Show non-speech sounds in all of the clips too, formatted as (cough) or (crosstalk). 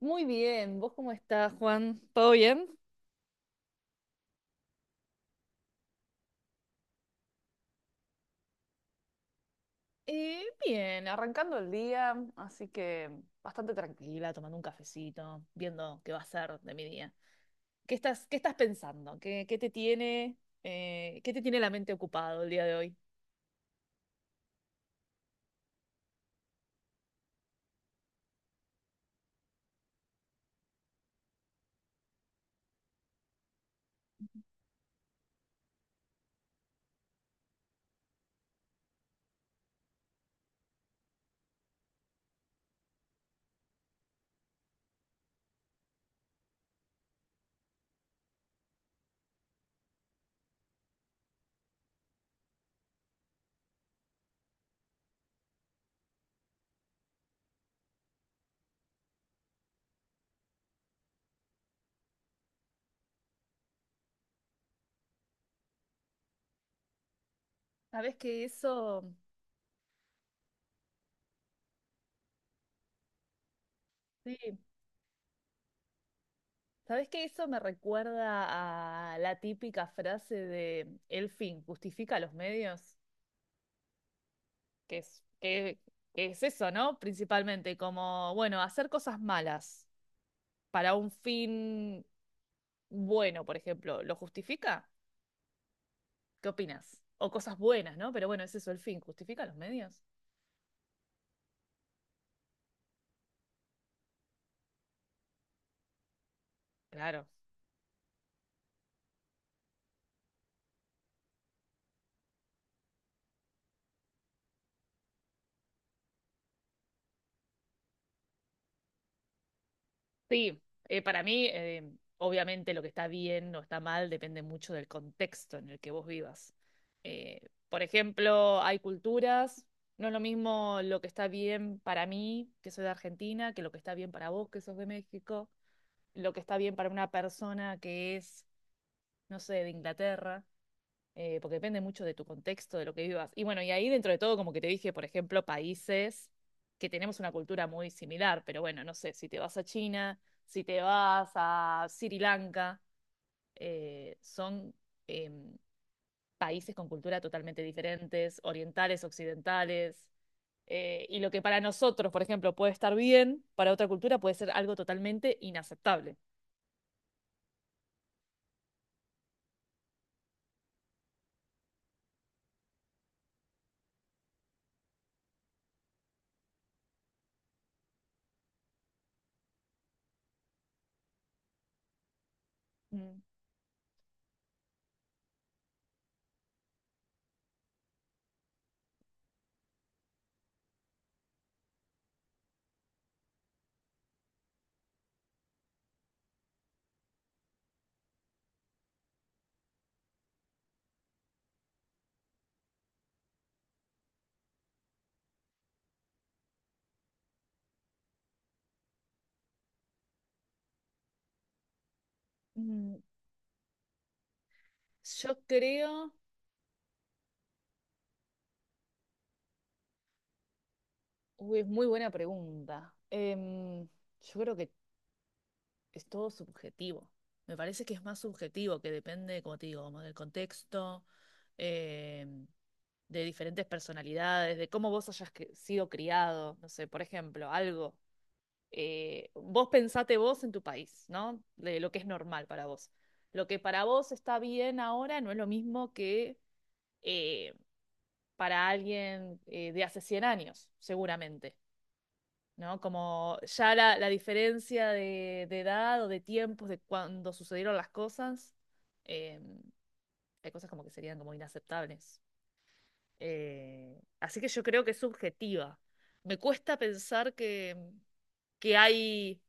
Muy bien, ¿vos cómo estás, Juan? ¿Todo bien? Bien, arrancando el día, así que bastante tranquila, tomando un cafecito, viendo qué va a ser de mi día. ¿Qué estás pensando? ¿Qué te tiene la mente ocupado el día de hoy? ¿Sabes que eso, sí. ¿Sabes que eso me recuerda a la típica frase de el fin justifica los medios? Que es, que, que es eso, ¿no? Principalmente, como, bueno, hacer cosas malas para un fin bueno, por ejemplo, ¿lo justifica? ¿Qué opinas? O cosas buenas, ¿no? Pero bueno, es eso el fin. ¿Justifica los medios? Claro. Sí, para mí, obviamente lo que está bien o está mal depende mucho del contexto en el que vos vivas. Eh, por ejemplo, hay culturas, no es lo mismo lo que está bien para mí, que soy de Argentina, que lo que está bien para vos, que sos de México, lo que está bien para una persona que es, no sé, de Inglaterra, porque depende mucho de tu contexto, de lo que vivas. Y bueno, y ahí dentro de todo, como que te dije, por ejemplo, países que tenemos una cultura muy similar, pero bueno, no sé, si te vas a China, si te vas a Sri Lanka, son em, países con cultura totalmente diferentes, orientales, occidentales. Y lo que para nosotros, por ejemplo, puede estar bien, para otra cultura puede ser algo totalmente inaceptable. Mm, mm, Yo creo Uy, es muy buena pregunta. Yo creo que es todo subjetivo. Me parece que es más subjetivo, que depende, como te digo, como del contexto, em, de diferentes personalidades, de cómo vos hayas sido criado. No sé, por ejemplo, algo. Vos pensate vos en tu país, ¿no? De lo que es normal para vos. Lo que para vos está bien ahora no es lo mismo que, eh, para alguien, de hace 100 años, seguramente. ¿No? Como ya la, diferencia de edad o de tiempos de cuando sucedieron las cosas, eh, hay cosas como que serían como inaceptables. Así que yo creo que es subjetiva. Me cuesta pensar que, que hay.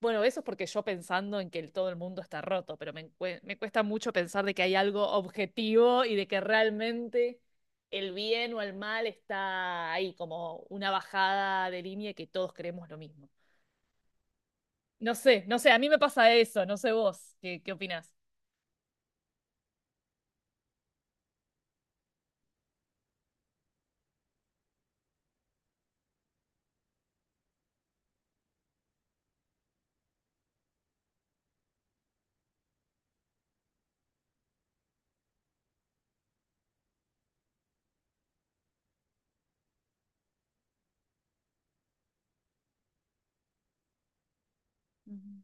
Bueno, eso es porque yo pensando en que todo el mundo está roto, pero me cuesta mucho pensar de que hay algo objetivo y de que realmente el bien o el mal está ahí, como una bajada de línea que todos creemos lo mismo. No sé, no sé, a mí me pasa eso, no sé vos, ¿qué opinás? Ujú.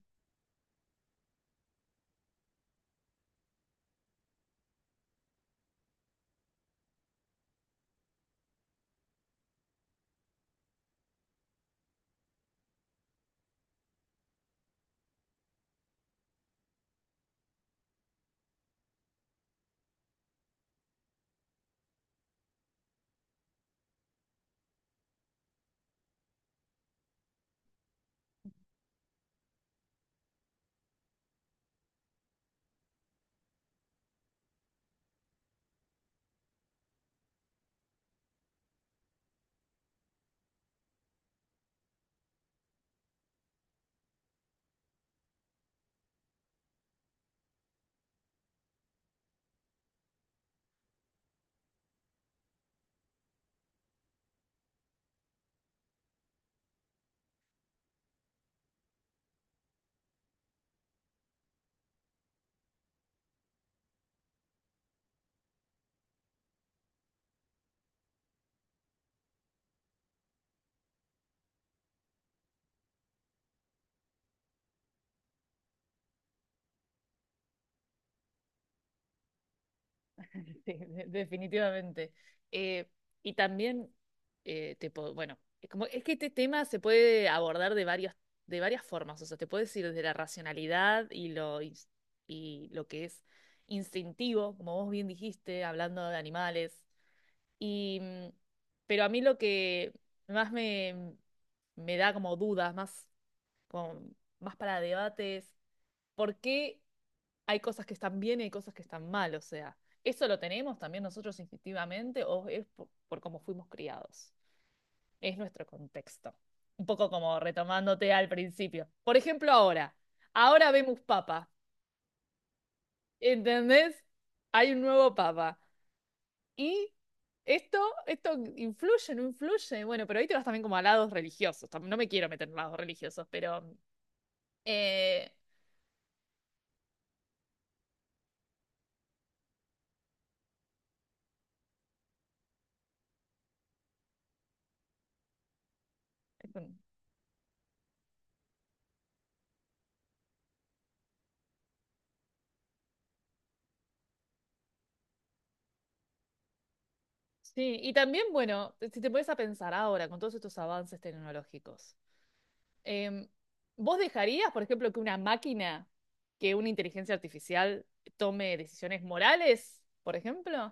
(laughs) Sí, definitivamente. Eh, y también, bueno, es como, es que este tema se puede abordar de varias, formas, o sea, te puedes ir desde la racionalidad y lo, que es instintivo, como vos bien dijiste, hablando de animales. Y, mm, pero a mí lo que más me da como dudas, más, como, más para debates, por qué hay cosas que están bien y hay cosas que están mal. O sea, ¿eso lo tenemos también nosotros instintivamente o es por, cómo fuimos criados? Es nuestro contexto. Un poco como retomándote al principio. Por ejemplo, ahora. Ahora vemos papa. ¿Entendés? Hay un nuevo papa. Y esto, esto influye, no influye. Bueno, pero ahí te vas también como a lados religiosos. No me quiero meter en lados religiosos, pero. eh, es un- Sí, y también, bueno, si te pones a pensar ahora con todos estos avances tecnológicos, em, ¿vos dejarías, por ejemplo, que una máquina, que una inteligencia artificial tome decisiones morales, por ejemplo?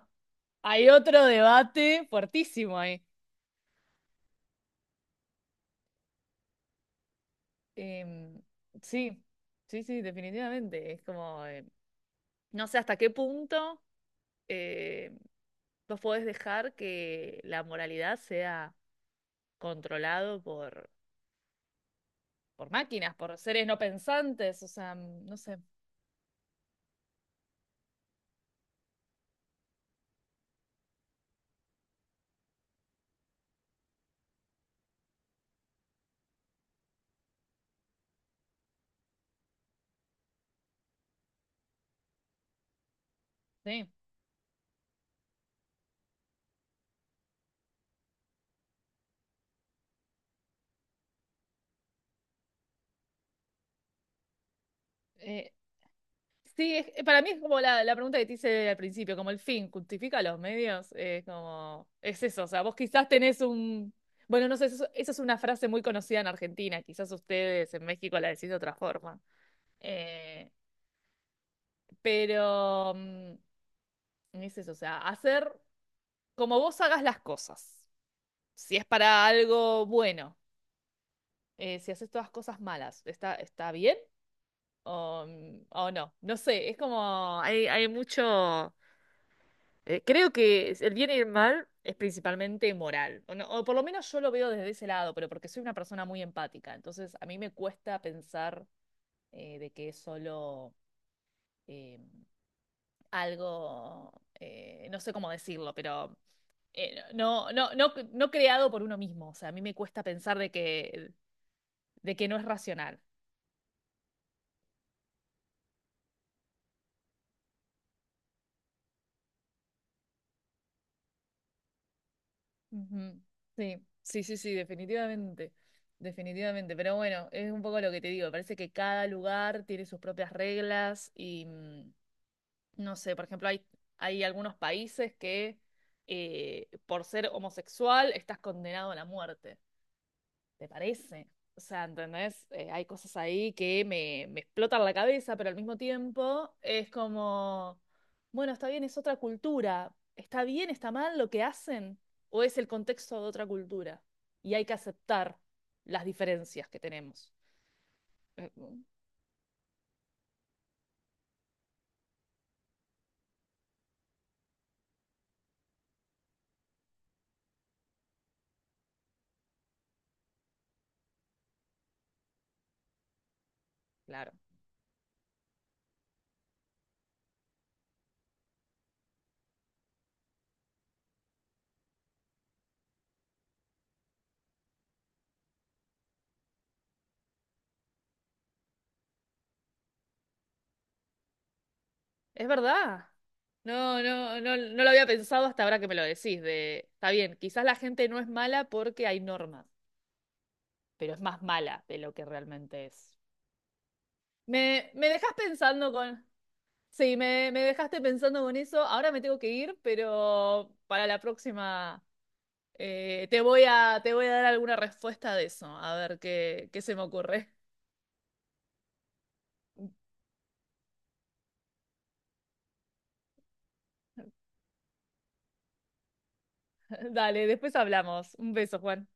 Hay otro debate fuertísimo ahí. Em, sí, sí, sí, definitivamente. Es como, no sé hasta qué punto, eh, vos podés dejar que la moralidad sea controlado por máquinas, por seres no pensantes, o sea, no sé, sí. Eh, sí, para mí es como la, pregunta que te hice al principio, como el fin, ¿justifica los medios? Es como, es eso, o sea, vos quizás tenés bueno, no sé, eso es una frase muy conocida en Argentina, quizás ustedes en México la decís de otra forma. Eh, pero es eso, o sea, hacer como vos hagas las cosas, si es para algo bueno, si haces todas cosas malas, ¿está bien? O, o no, no sé, es como hay mucho, creo que el bien y el mal es principalmente moral, o, no- o por lo menos yo lo veo desde ese lado, pero porque soy una persona muy empática, entonces a mí me cuesta pensar, de que es solo, eh, algo, no sé cómo decirlo, pero no, no creado por uno mismo, o sea, a mí me cuesta pensar de que, no es racional. Ujú. Sí, sí, sí, sí, definitivamente, definitivamente. Pero bueno, es un poco lo que te digo. Parece que cada lugar tiene sus propias reglas y no sé, por ejemplo, hay algunos países que, por ser homosexual estás condenado a la muerte. ¿Te parece? O sea, ¿entendés? Hay cosas ahí que me explotan la cabeza, pero al mismo tiempo es como, bueno, está bien, es otra cultura. ¿Está bien, está mal lo que hacen? ¿O es el contexto de otra cultura? Y hay que aceptar las diferencias que tenemos. Eh, Claro. Es verdad. No, no, no, no lo había pensado hasta ahora que me lo decís, está bien, quizás la gente no es mala porque hay normas, pero es más mala de lo que realmente es. Me dejas pensando con... Sí, me dejaste pensando con eso. Ahora me tengo que ir, pero para la próxima, te voy a, dar alguna respuesta de eso. A ver qué se me ocurre. (laughs) Dale, después hablamos. Un beso, Juan.